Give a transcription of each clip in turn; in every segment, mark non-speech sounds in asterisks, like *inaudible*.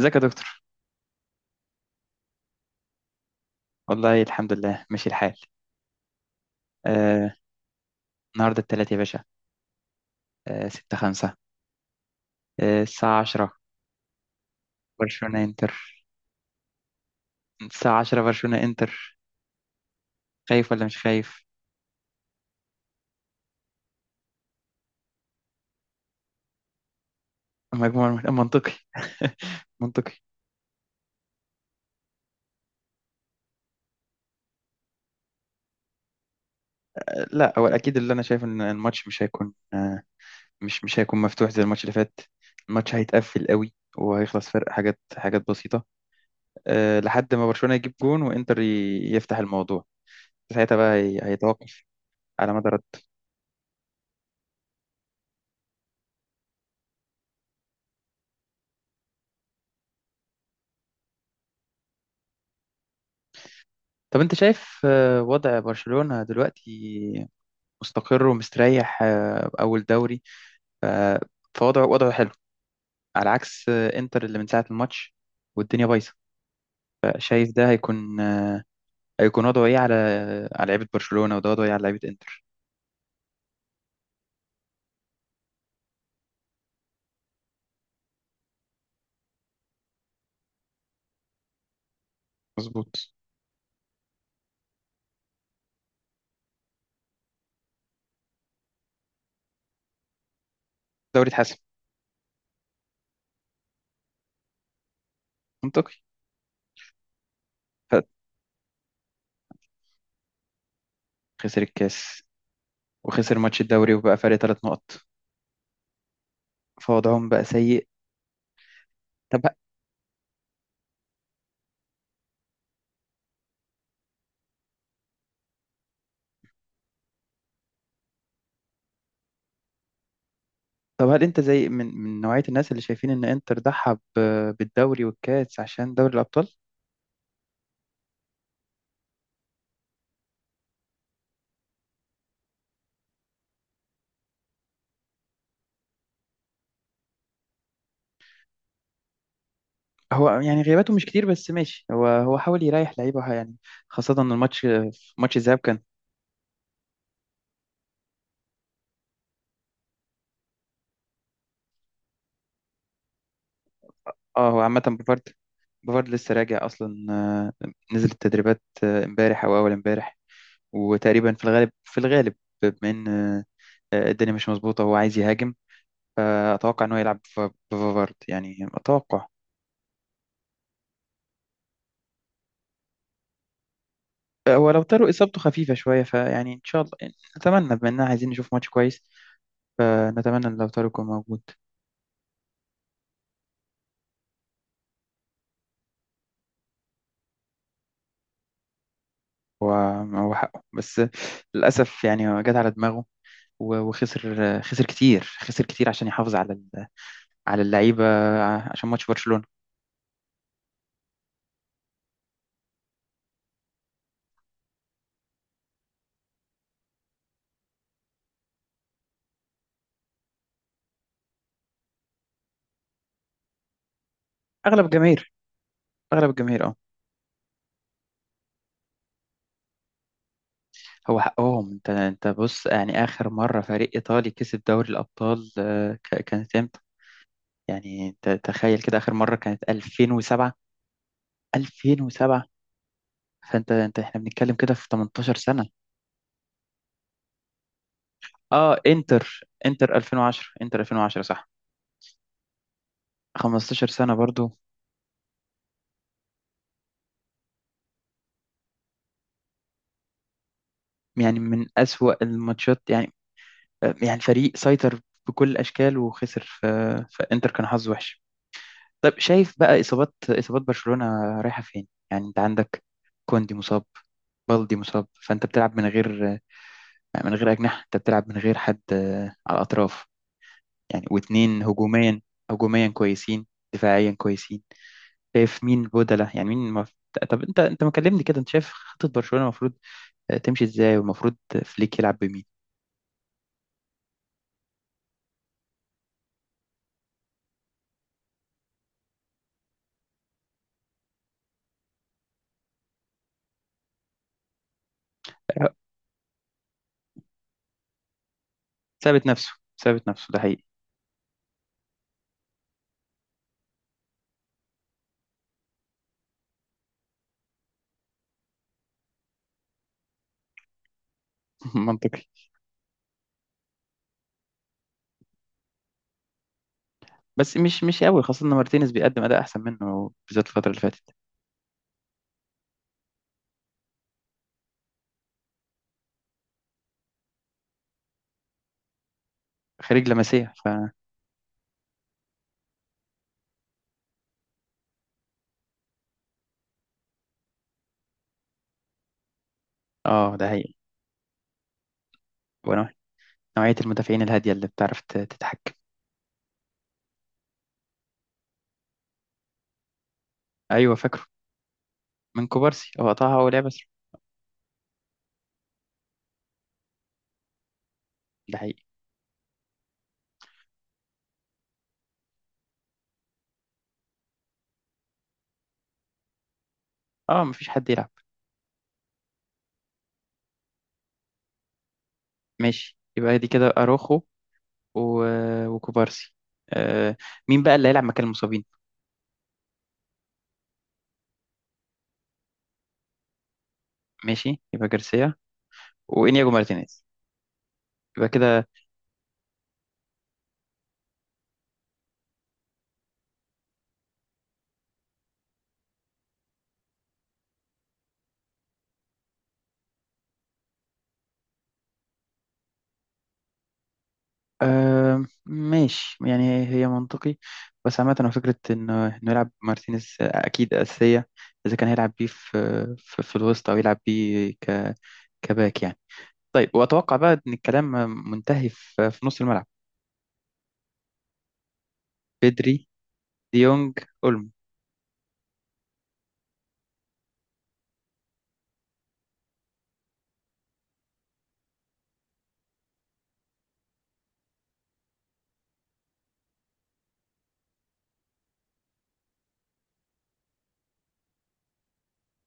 ازيك يا دكتور. والله الحمد لله ماشي الحال. آه، النهارده التلات يا باشا. ستة خمسة. الساعة عشرة برشلونة انتر. الساعة عشرة برشلونة انتر. خايف ولا مش خايف. مجموع منطقي *laughs* منطقي. لا هو اكيد اللي انا شايف ان الماتش مش هيكون مش هيكون مفتوح زي الماتش اللي فات. الماتش هيتقفل قوي وهيخلص فرق حاجات بسيطة لحد ما برشلونة يجيب جون وانتر يفتح الموضوع. ساعتها بقى هيتوقف على مدى. طب انت شايف وضع برشلونة دلوقتي مستقر ومستريح، اول دوري. ف- فوضعه حلو على عكس انتر اللي من ساعة الماتش والدنيا بايظة. فشايف ده هيكون هيكون وضعه ايه على لعيبة برشلونة، وده وضعه ايه على لعيبة انتر. مظبوط. دوري اتحسم. منطقي. ف- خسر الكاس وخسر ماتش الدوري وبقى فرق ثلاث نقط. فوضعهم بقى سيء. طب طب هل انت زي من نوعية الناس اللي شايفين ان انتر ضحى بالدوري والكاس عشان دوري الابطال؟ هو يعني غياباته مش كتير، بس ماشي، هو حاول يريح لعيبه يعني، خاصة ان ماتش الذهاب كان. اه هو عامة بوفارد. بوفارد لسه راجع اصلا، نزل التدريبات امبارح او اول امبارح. وتقريبا في الغالب بما ان الدنيا مش مظبوطة هو عايز يهاجم. فاتوقع ان هو يلعب بوفارد يعني اتوقع. هو لو طاروا اصابته خفيفة شوية فيعني ان شاء الله نتمنى، بما اننا عايزين نشوف ماتش كويس، فنتمنى ان لو طاروا يكون موجود. هو هو حقه، بس للأسف يعني هو جت على دماغه وخسر كتير، خسر كتير عشان يحافظ على على اللعيبة عشان ماتش برشلونة. أغلب الجماهير، أغلب الجماهير، اه، هو حقهم. انت بص يعني آخر مرة فريق إيطالي كسب دوري الأبطال كانت امتى؟ يعني انت تخيل كده. آخر مرة كانت 2007. 2007. فانت احنا بنتكلم كده في 18 سنة. اه انتر، انتر 2010. انتر 2010 صح. 15 سنة برضو. يعني من أسوأ الماتشات يعني. يعني فريق سيطر بكل الأشكال وخسر، فإنتر كان حظه وحش. طب شايف بقى إصابات برشلونة رايحة فين؟ يعني أنت عندك كوندي مصاب، بالدي مصاب، فأنت بتلعب من غير أجنحة. أنت بتلعب من غير حد على الأطراف يعني، واتنين هجوميا. هجوميا كويسين، دفاعيا كويسين. شايف مين بدلة يعني مين طب انت ما كلمني كده، انت شايف خطة برشلونة المفروض تمشي ازاي، والمفروض فليك يلعب بمين؟ ثابت نفسه. ثابت نفسه، ده حقيقي. *laughs* منطقي. بس مش قوي، خاصة ان مارتينيز بيقدم اداء احسن منه بالذات الفترة اللي فاتت. خارج لمسية اه ده حقيقي. ونوع- نوعية المدافعين الهادية اللي بتعرف تتحكم. ايوه فاكره. من كوبارسي، هو قطعها، هو لعب أسرع. ده حقيقي. اه مفيش حد يلعب. ماشي يبقى دي كده اروخو و... وكوبارسي. آه مين بقى اللي هيلعب مكان المصابين؟ ماشي يبقى جارسيا وانياجو مارتينيز، يبقى كده. آه ماشي يعني هي منطقي، بس عامة هو فكرة إنه يلعب مارتينيز أكيد أساسية، إذا كان هيلعب بيه في الوسط أو يلعب بيه كباك يعني. طيب، وأتوقع بقى إن الكلام منتهي في نص الملعب. بدري، ديونج، أولمو.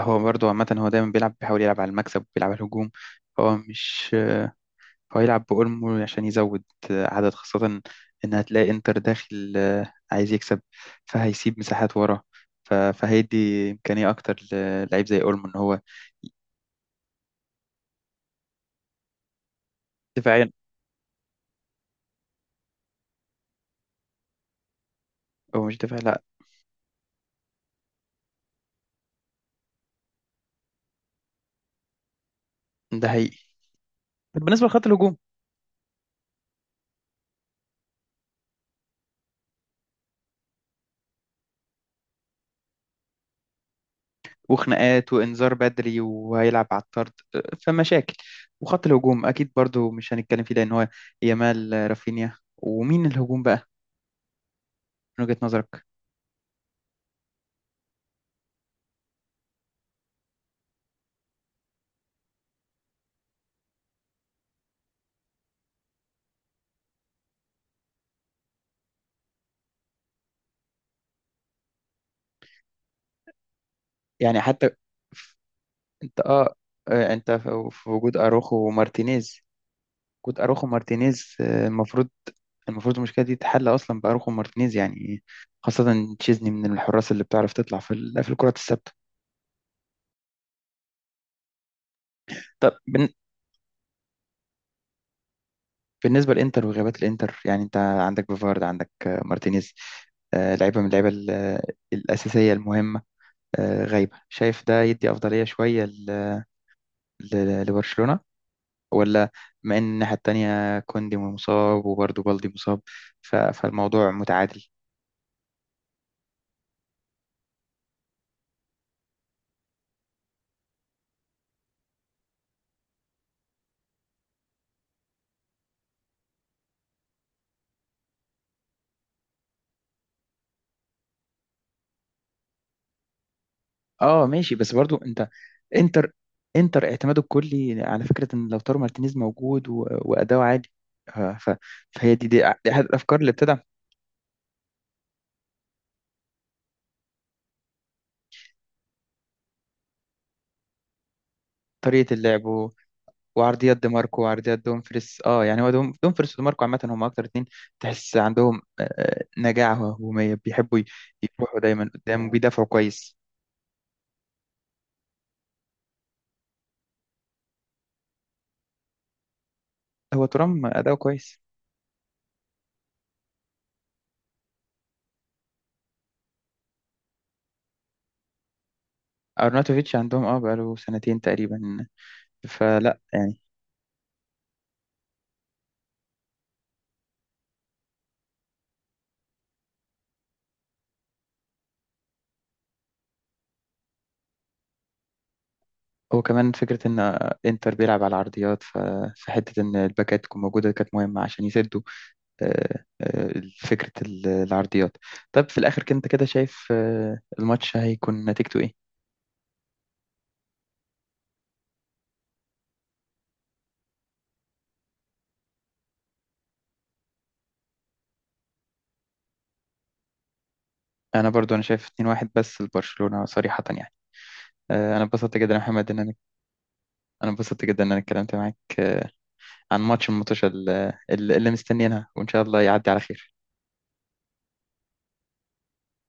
هو برضه عامة هو دايما بيلعب، بيحاول يلعب على المكسب وبيلعب على الهجوم. هو مش، هو يلعب بأولمو عشان يزود عدد، خاصة إن هتلاقي إنتر داخل عايز يكسب، فهيسيب مساحات ورا. فهيدي إمكانية أكتر للعيب زي أولمو إن هو دفاعيا. هو مش دفاع لأ. ده حقيقي. بالنسبة لخط الهجوم، وخناقات وإنذار بدري وهيلعب على الطرد، فمشاكل. وخط الهجوم أكيد برضو مش هنتكلم فيه لأن هو يامال رافينيا، ومين الهجوم بقى من وجهة نظرك؟ يعني حتى أنت أنت في وجود أروخو ومارتينيز. كنت اروخو مارتينيز المفروض، المشكله دي تتحل اصلا باروخو مارتينيز يعني، خاصه تشيزني من الحراس اللي بتعرف تطلع في في الكرات الثابته. طب بالنسبه للانتر وغيابات الانتر، يعني انت عندك بيفارد، عندك مارتينيز، لعيبه من اللعيبه الاساسيه المهمه غايبه. شايف ده يدي افضليه شويه لبرشلونه، ولا مع ان الناحيه التانيه كوندي مصاب وبرضه بالدي مصاب فالموضوع متعادل؟ اه ماشي، بس برضو انت انتر انتر اعتماده الكلي على فكره ان لو تارو مارتينيز موجود واداؤه عالي، آه، ف... فهي دي احد الافكار اللي بتدعم طريقه اللعب وعرضيات دي ماركو وعرضيات دومفريس. اه يعني هو دومفريس ودي ماركو عامه هم اكتر اتنين تحس عندهم نجاعه هجوميه، بيحبوا يروحوا دايما قدام وبيدافعوا كويس. هو ترام اداؤه كويس. ارناتوفيتش عندهم اه بقاله سنتين تقريبا، فلا. هو كمان فكرة إن إنتر بيلعب على العرضيات، فحتة إن الباكات تكون موجودة كانت مهمة عشان يسدوا، آه، آه، فكرة العرضيات. طب في الآخر كنت كده شايف الماتش هيكون نتيجته إيه؟ أنا برضو أنا شايف 2-1 بس لبرشلونة صريحة يعني. أنا اتبسطت جدا يا محمد إن أنا أنا اتبسطت جدا إن أنا اتكلمت معاك عن الماتش اللي مستنيينها، وإن شاء الله يعدي على خير.